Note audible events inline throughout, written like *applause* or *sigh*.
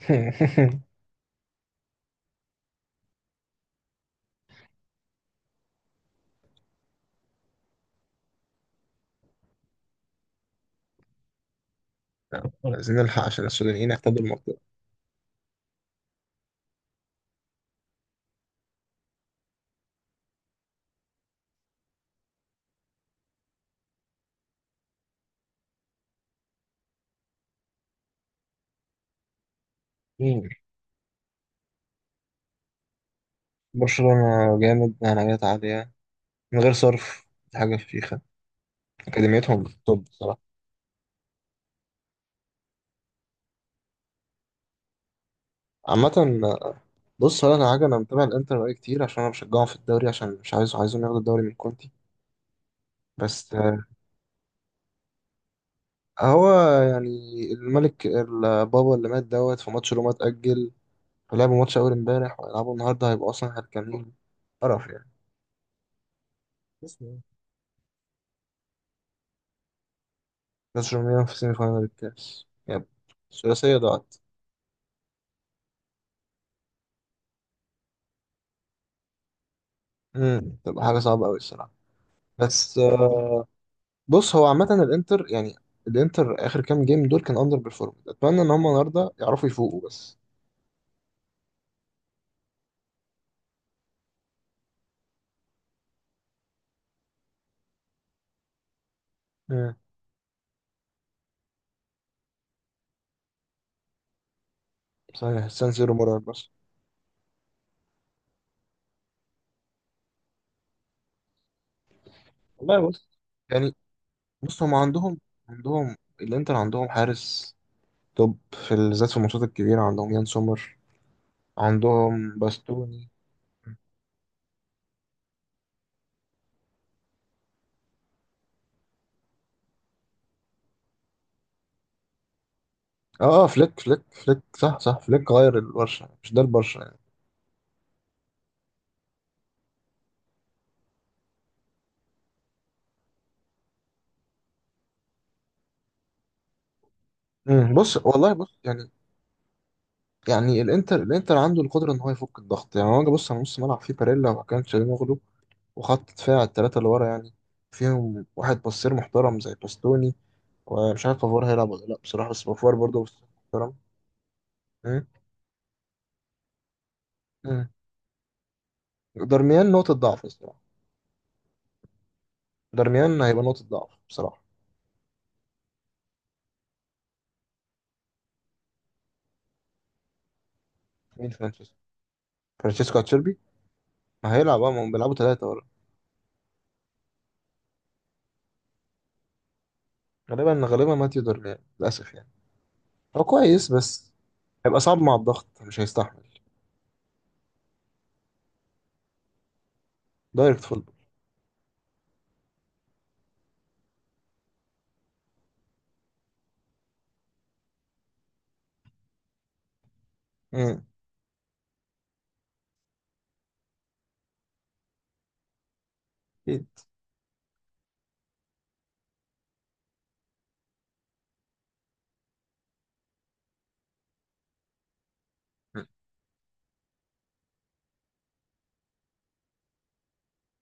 *laughs* لا، عايزين نلحق عشان السودانيين احتلوا المنطقة. مم. برشلونة جامد، نهائيات عالية من غير صرف. دي حاجة فشيخة. أكاديميتهم توب بصراحة عامة. بص، هو أنا حاجة، أنا متابع الإنتر بقالي كتير عشان أنا بشجعهم في الدوري، عشان مش عايزهم ياخدوا الدوري من كونتي. بس آه، هو يعني الملك البابا اللي مات دوت في ماتش روما اتأجل، فلعبوا ماتش أول امبارح وهيلعبوا النهاردة، هيبقوا أصلا هلكانين. قرف يعني. اسمه ايه؟ بس روميان في سيمي فاينال الكاس، يب. الثلاثية ضاعت. تبقى حاجه صعبه قوي الصراحه. بس بص، هو عامه الانتر يعني، الانتر اخر كام جيم دول كان اندر بيرفورم. اتمنى ان هم النهارده يعرفوا يفوقوا بس. امم صحيح سان سيرو مرعب، بس والله بص يعني. بص، هم عندهم، عندهم الانتر عندهم حارس توب في بالذات في الماتشات الكبيره، عندهم يان سومر، عندهم باستوني. اه اه، فليك فليك فليك، صح صح، فليك غير البرشا، مش ده البرشا يعني. بص والله بص يعني، يعني الانتر عنده القدره ان هو يفك الضغط. يعني هو جه، بص على نص ملعب فيه باريلا وكان تشالهانوغلو، وخط دفاع الثلاثه اللي ورا يعني فيهم واحد باسير محترم زي باستوني، ومش عارف بافوار هيلعب ولا لا بصراحه، بس بافوار برضه بصير محترم. مم. مم. دارميان نقطه ضعف الصراحه. دارميان هيبقى نقطه ضعف بصراحه. مين فرانشيسكو؟ فرانشيسكو اتشيربي. ما هيلعب اه، ما هم بيلعبوا ثلاثه ورا. غالبا غالبا ماتيو دارميان للاسف يعني. هو كويس بس هيبقى صعب مع الضغط، مش هيستحمل. دايركت فوتبول. مم. أكيد.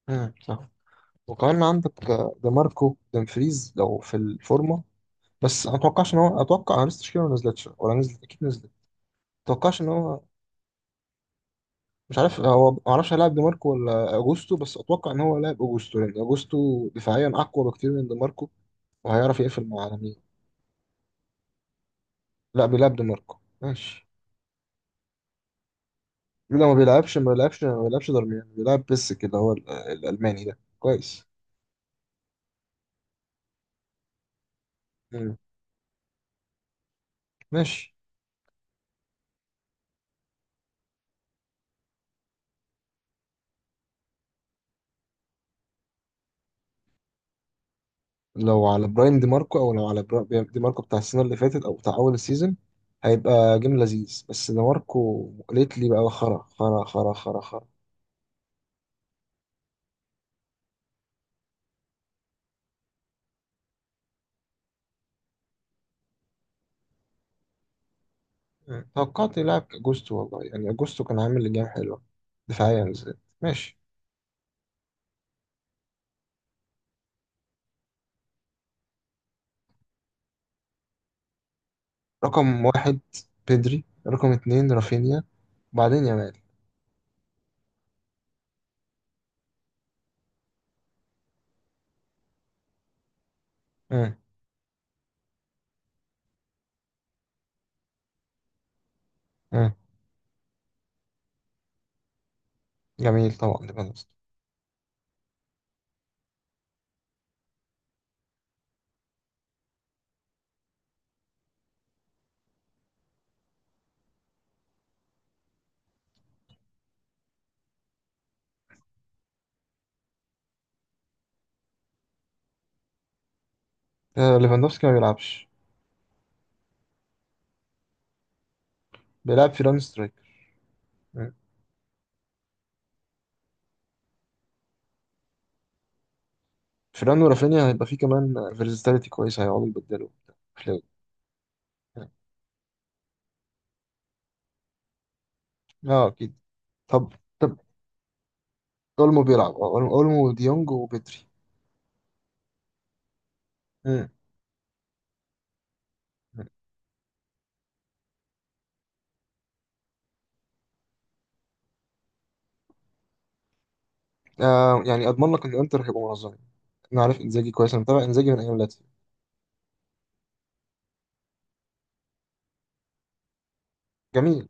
صح. وكمان عندك دي ماركو دمفريز لو في الفورمه. بس ما اتوقعش ان هو، اتوقع، انا لسه التشكيله ما نزلتش، ولا نزلت اكيد، نزلت ما اتوقعش ان هو، مش عارف، هو ما اعرفش هيلاعب دي ماركو ولا اجوستو، بس اتوقع ان هو لاعب اجوستو، لان اجوستو دفاعيا اقوى بكتير من دي ماركو، وهيعرف يقفل مع على مين. لا، بيلعب دي ماركو، ماشي. لو ما بيلعبش، ما بيلعبش، ما بيلعبش دارميان، بيلعب بيسك، اللي هو الالماني ده كويس. مم. ماشي. لو على براين دي ماركو، او لو على دي ماركو بتاع السنه اللي فاتت او بتاع اول السيزون، هيبقى جيم لذيذ. بس دي ماركو ليتلي بقى خرا خرا خرا خرا خرا. توقعت يلعب اجوستو والله، يعني اجوستو كان عامل لجام حلوه دفاعيا بالذات، ماشي. رقم واحد بيدري، رقم اتنين رافينيا، وبعدين يامال. مم. مم. جميل طبعا ليفاندوفسكي. آه، ليفاندوفسكي ما بيلعبش، بيلعب فيران سترايكر. مم. فيران ورافينيا هيبقى فيه كمان فيرساتيليتي كويسه، هيقعدوا يبدلوا وبتاع. فلو. مم. اه اكيد. طب. طب اولمو بيلعب، اه اولمو، وديونج وبدري. مم. آه يعني اضمن لك ان انتر هيبقوا منظمين. انا عارف انزاجي كويس، انا متابع انزاجي من ايام لاتسيو. جميل.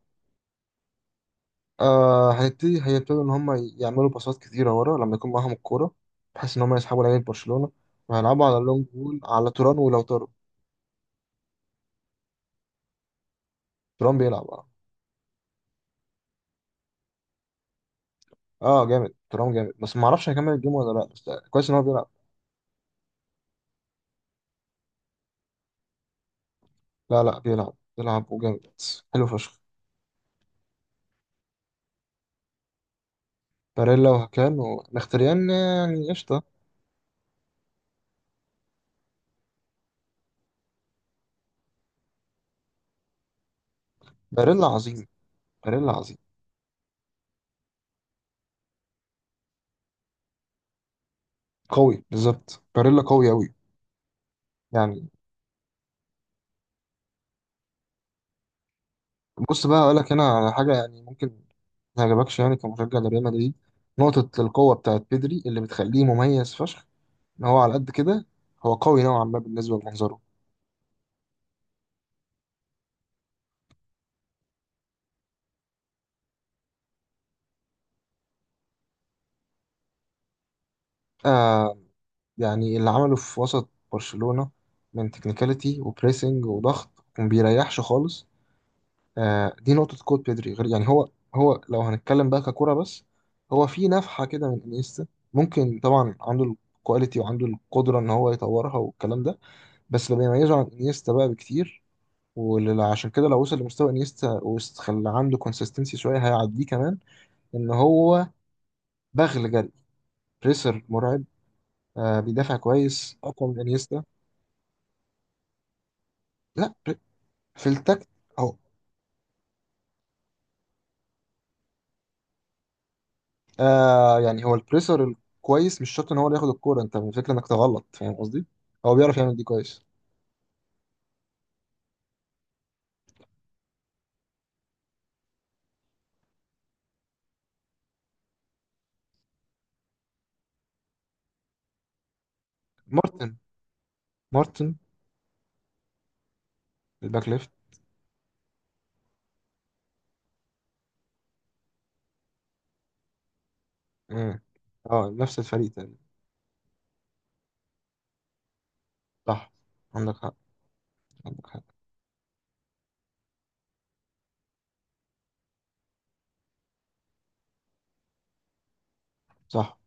آه، هنبتدي، هيبتدوا ان هم يعملوا باصات كتيره ورا لما يكون معاهم الكوره، بحيث ان هم يسحبوا لعيبه برشلونه، وهيلعبوا على اللونج بول على توران، ولو تورو. توران بيلعب اه. اه جامد، توران جامد، بس ما اعرفش هيكمل الجيم ولا لا، بس كويس ان هو بيلعب. لا لا، بيلعب بيلعب وجامد، حلو فشخ. باريلا وهكان ومختريان يعني قشطه. باريلا عظيم باريلا عظيم. قوي، بالظبط، باريلا قوي قوي يعني. بص بقى هقول لك هنا على حاجه يعني ممكن ما يعجبكش يعني كمشجع لريال مدريد. نقطه القوه بتاعت بيدري اللي بتخليه مميز فشخ، ان هو على قد كده هو قوي نوعا ما بالنسبه لمنظره. آه يعني اللي عمله في وسط برشلونه من تكنيكاليتي وبريسنج وضغط، وما بيريحش خالص. آه، دي نقطة قوة بيدري. غير يعني هو، هو لو هنتكلم بقى ككرة بس، هو في نفحة كده من انيستا. ممكن طبعا، عنده الكواليتي وعنده القدرة ان هو يطورها والكلام ده، بس اللي بيميزه عن انيستا بقى بكتير، وعشان كده لو وصل لمستوى انيستا وخلى عنده كونسيستنسي شوية، هيعديه كمان، ان هو بغل جري، بريسر مرعب. آه بيدافع كويس، اقوى من انيستا. لا، في التكت. آه يعني هو البريسر الكويس مش شرط ان هو اللي ياخد الكوره، انت الفكره انك تغلط، فاهم قصدي؟ هو بيعرف يعمل دي كويس. مارتن. مارتن. الباك ليفت. مم. اه نفس الفريق تقريبا. صح، عندك حق، عندك حق. صح.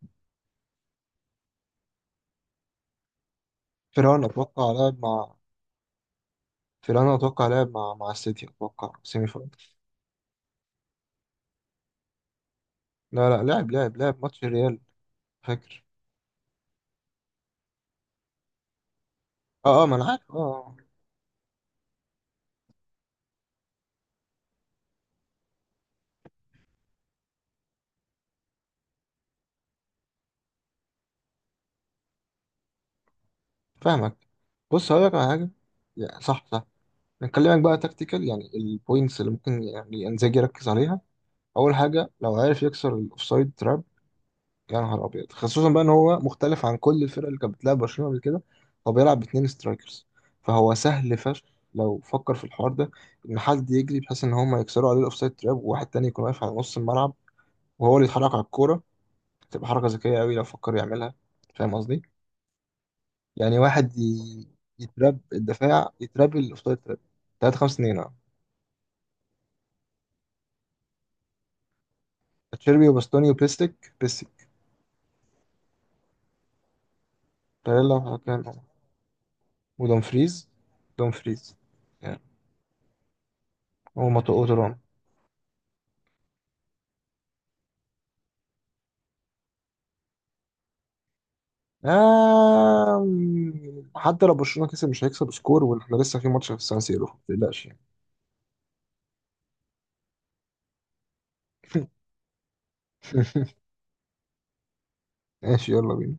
فيران اتوقع لعب مع، فيران اتوقع لعب مع مع السيتي، اتوقع سيمي فاينل. لا لا، لعب لعب، لعب ماتش الريال. فاكر. اه اه، ما انا عارف، اه، آه. فاهمك. بص هقول لك على حاجه. صح صح. نكلمك بقى تكتيكال، يعني البوينتس اللي ممكن يعني انزاجي يركز عليها. اول حاجه، لو عارف يكسر الاوفسايد تراب، يا نهار ابيض. خصوصا بقى ان هو مختلف عن كل الفرق اللي كانت بتلعب برشلونه قبل كده، هو بيلعب باتنين سترايكرز، فهو سهل فشخ لو فكر في الحوار ده، ان حد يجري بحيث ان هم يكسروا عليه الاوفسايد تراب، وواحد تاني يكون واقف على نص الملعب وهو اللي يتحرك على الكوره. تبقى حركه ذكيه قوي لو فكر يعملها، فاهم قصدي؟ يعني واحد يتراب الدفاع، يتراب الاوفسايد تراب. 3 5 2 اه. تشيربي وباستوني وبيستك، بيستك، باريلا ودومفريز، دومفريز يعني، هو ماتو اوتران. آه. حتى لو برشلونة كسب، مش هيكسب سكور واحنا لسه في ماتش في السان سيرو، ما تقلقش يعني. *laughs* ماشي، يلا بينا.